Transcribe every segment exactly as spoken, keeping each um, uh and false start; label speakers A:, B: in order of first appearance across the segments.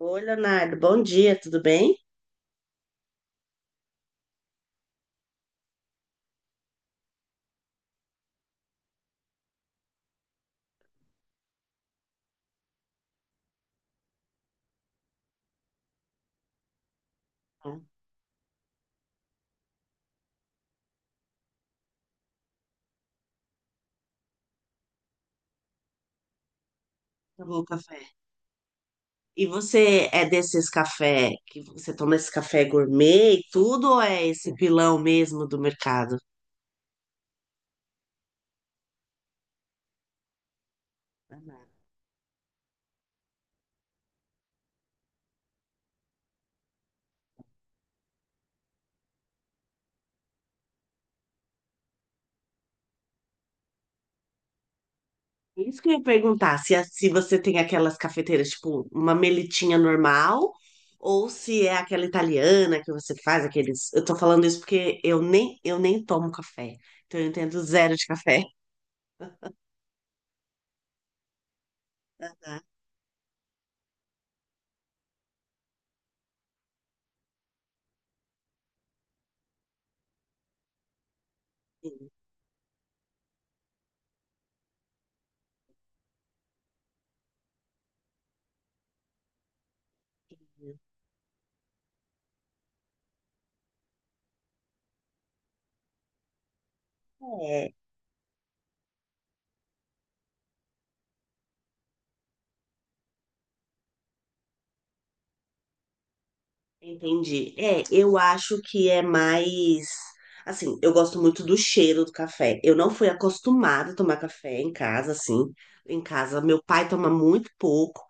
A: Oi, Leonardo, bom dia, tudo bem? Tá bom. Tomou um café. E você é desses café que você toma esse café gourmet e tudo ou é esse pilão mesmo do mercado? Amado. Isso que eu ia perguntar, se, a- se você tem aquelas cafeteiras, tipo, uma melitinha normal, ou se é aquela italiana que você faz, aqueles. Eu tô falando isso porque eu nem, eu nem tomo café, então eu entendo zero de café. Tá? Sim. Entendi. É, eu acho que é mais. Assim, eu gosto muito do cheiro do café. Eu não fui acostumada a tomar café em casa, assim. Em casa, meu pai toma muito pouco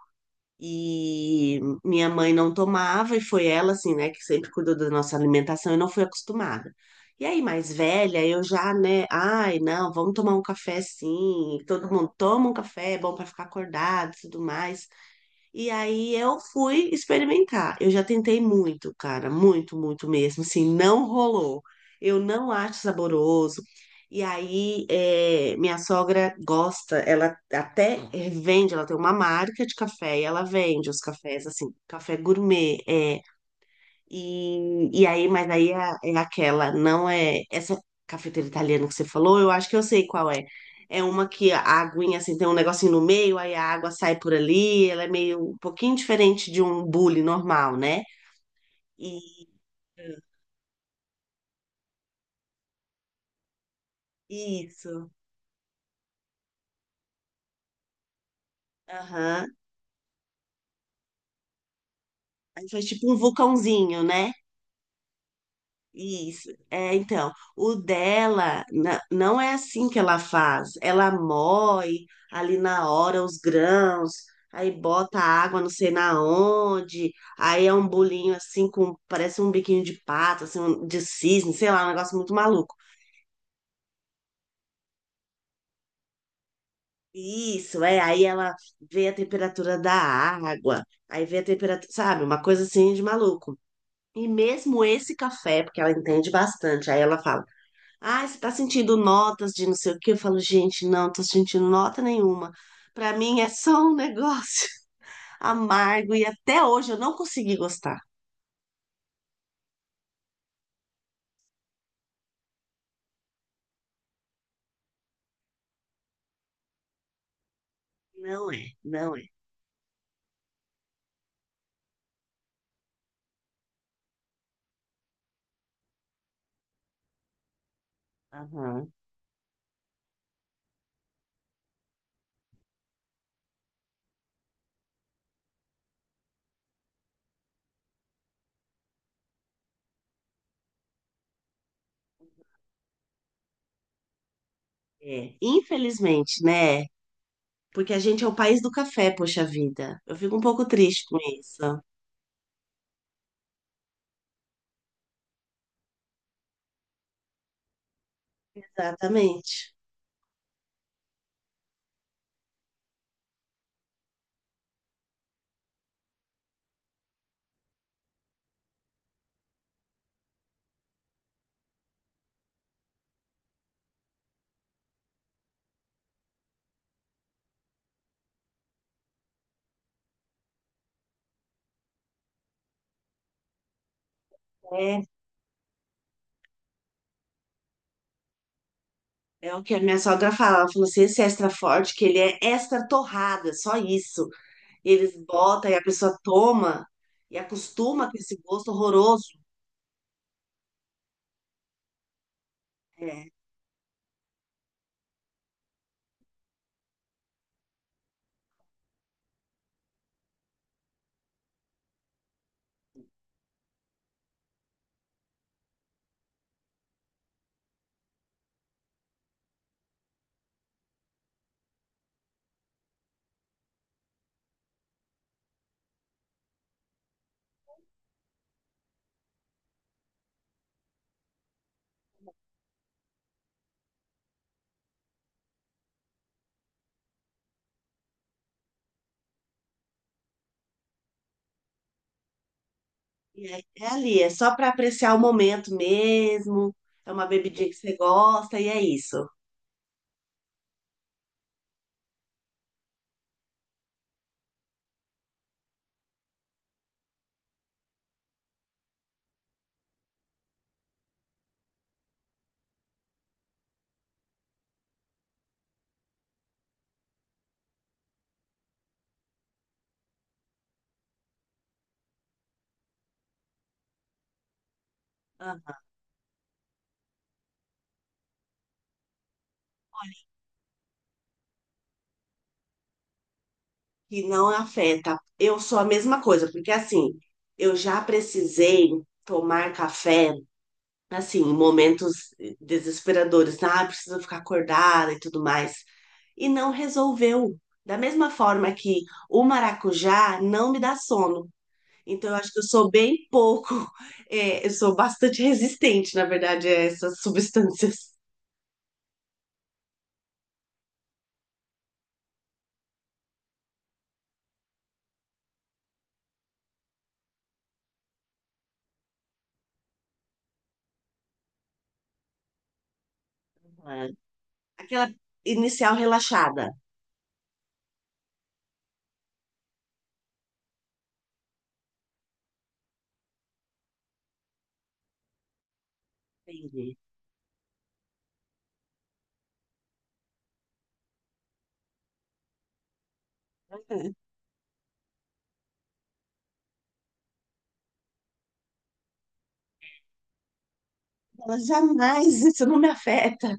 A: e minha mãe não tomava, e foi ela, assim, né, que sempre cuidou da nossa alimentação. Eu não fui acostumada. E aí, mais velha, eu já, né, ai, não, vamos tomar um café sim. Todo mundo toma um café, é bom para ficar acordado e tudo mais. E aí eu fui experimentar. Eu já tentei muito, cara, muito, muito mesmo. Assim, não rolou. Eu não acho saboroso. E aí, é, minha sogra gosta, ela até vende, ela tem uma marca de café e ela vende os cafés, assim, café gourmet. é, e, e aí, mas aí é, é aquela, não é essa cafeteira italiana que você falou, eu acho que eu sei qual é. É uma que a aguinha assim tem um negocinho no meio, aí a água sai por ali, ela é meio um pouquinho diferente de um bule normal, né? E isso. Aham. Aí faz tipo um vulcãozinho, né? Isso. É, então, o dela na- não é assim que ela faz. Ela moe ali na hora os grãos, aí bota água não sei na onde, aí é um bolinho assim com parece um biquinho de pato, assim, um- de cisne, sei lá, um negócio muito maluco. Isso, é, aí ela vê a temperatura da água, aí vê a temperatura, sabe, uma coisa assim de maluco. E mesmo esse café, porque ela entende bastante, aí ela fala: ah, você tá sentindo notas de não sei o quê? Eu falo, gente, não, tô sentindo nota nenhuma. Pra mim é só um negócio amargo e até hoje eu não consegui gostar. Não é, não é. Aham, é. Infelizmente, né? Porque a gente é o país do café, poxa vida. Eu fico um pouco triste com isso. Exatamente. É, é o que a minha sogra fala. Ela falou assim: esse extra forte, que ele é extra torrado, é só isso. Eles botam e a pessoa toma e acostuma com esse gosto horroroso. É, E é, é ali, é só para apreciar o momento mesmo. É uma bebidinha que você gosta e é isso. Ah, que não afeta. Eu sou a mesma coisa, porque assim, eu já precisei tomar café, assim, em momentos desesperadores, né? Ah, preciso ficar acordada e tudo mais. E não resolveu. Da mesma forma que o maracujá não me dá sono. Então, eu acho que eu sou bem pouco, é, eu sou bastante resistente, na verdade, a essas substâncias. Uhum. Aquela inicial relaxada. Entendi. Uhum. Ela jamais, isso não me afeta.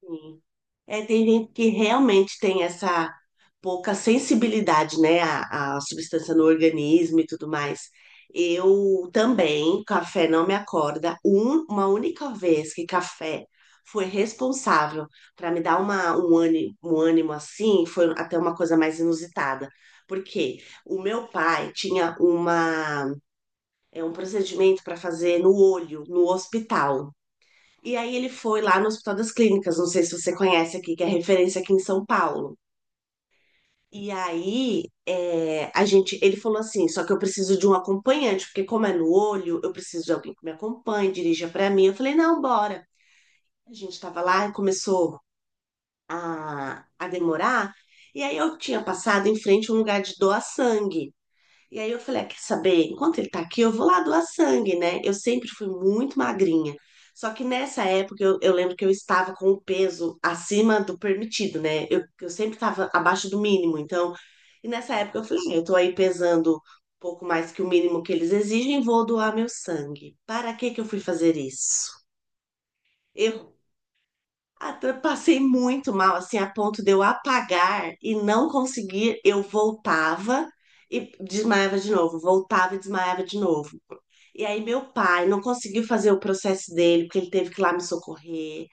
A: Sim. É, tem gente que realmente tem essa pouca sensibilidade, né, à, à substância no organismo e tudo mais. Eu também, café não me acorda. Um- uma única vez que café foi responsável para me dar uma, um ânimo, um ânimo assim, foi até uma coisa mais inusitada. Porque o meu pai tinha uma, é um procedimento para fazer no olho, no hospital. E aí ele foi lá no Hospital das Clínicas, não sei se você conhece aqui, que é referência aqui em São Paulo. E aí é, a gente, ele falou assim, só que eu preciso de um acompanhante, porque como é no olho, eu preciso de alguém que me acompanhe, dirija para mim. Eu falei, não, bora. A gente tava lá e começou a, a demorar. E aí eu tinha passado em frente a um lugar de doar sangue. E aí eu falei, ah, quer saber? Enquanto ele tá aqui, eu vou lá doar sangue, né? Eu sempre fui muito magrinha. Só que nessa época eu, eu lembro que eu estava com o peso acima do permitido, né? Eu, eu sempre estava abaixo do mínimo. Então, e nessa época eu falei, ah, eu tô aí pesando um pouco mais que o mínimo que eles exigem, vou doar meu sangue. Para que que eu fui fazer isso? Eu ah, eu passei muito mal, assim, a ponto de eu apagar e não conseguir. Eu voltava e desmaiava de novo, voltava e desmaiava de novo. E aí, meu pai não conseguiu fazer o processo dele, porque ele teve que ir lá me socorrer.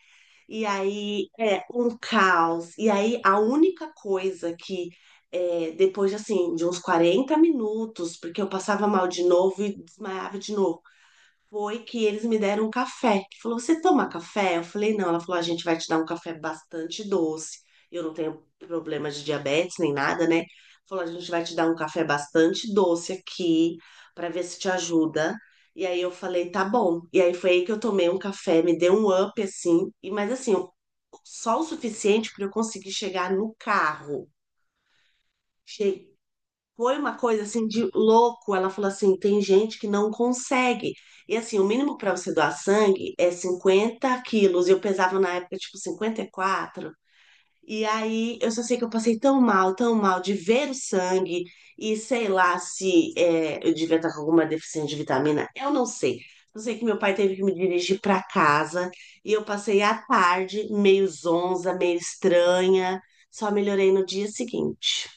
A: E aí, é um caos. E aí, a única coisa que, é, depois de, assim, de uns quarenta minutos, porque eu passava mal de novo e desmaiava de novo foi que eles me deram um café. Que falou, você toma café? Eu falei, não. Ela falou, a gente vai te dar um café bastante doce. Eu não tenho problema de diabetes nem nada, né? Falou, a gente vai te dar um café bastante doce aqui para ver se te ajuda. E aí eu falei, tá bom. E aí foi aí que eu tomei um café, me deu um up assim, e mas assim, só o suficiente para eu conseguir chegar no carro. Che- Foi uma coisa assim de louco. Ela falou assim: tem gente que não consegue. E assim, o mínimo para você doar sangue é cinquenta quilos. Eu pesava na época, tipo, cinquenta e quatro. E quatro. E aí eu só sei que eu passei tão mal, tão mal de ver o sangue. E sei lá se é, eu devia estar com alguma deficiência de vitamina. Eu não sei. Eu sei que meu pai teve que me dirigir para casa. E eu passei a tarde meio zonza, meio estranha. Só melhorei no dia seguinte.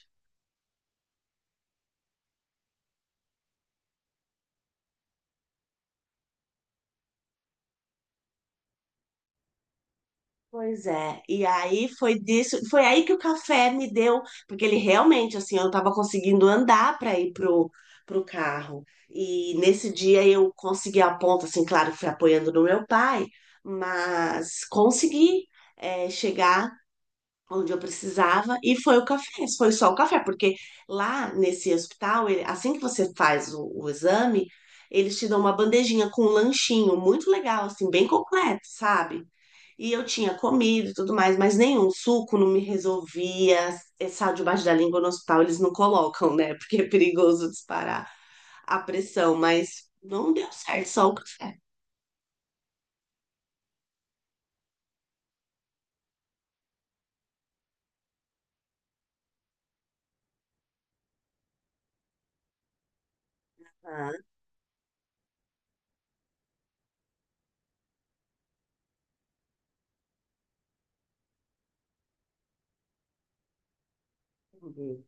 A: Pois é, e aí foi disso, foi aí que o café me deu, porque ele realmente, assim, eu tava conseguindo andar para ir pro, pro carro. E nesse dia eu consegui a ponta, assim, claro, fui apoiando no meu pai, mas consegui, é, chegar onde eu precisava e foi o café, foi só o café, porque lá nesse hospital, ele- assim que você faz o, o exame, eles te dão uma bandejinha com um lanchinho muito legal, assim, bem completo, sabe? E eu tinha comido e tudo mais, mas nenhum suco não me resolvia. É sal debaixo da língua no hospital eles não colocam, né? Porque é perigoso disparar a pressão, mas não deu certo, só o café. Ah, entendi.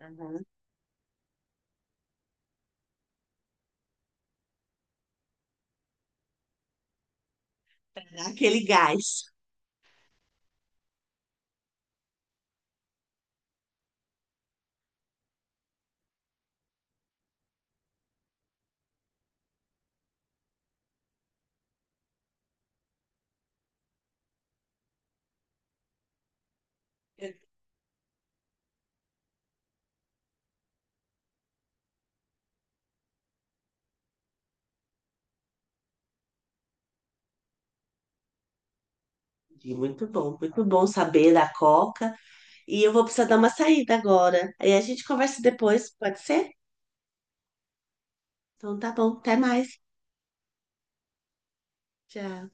A: Aham. Dá aquele gás. Entendi. Muito bom, muito bom saber da Coca. E eu vou precisar dar uma saída agora. Aí a gente conversa depois, pode ser? Então tá bom, até mais. Tchau.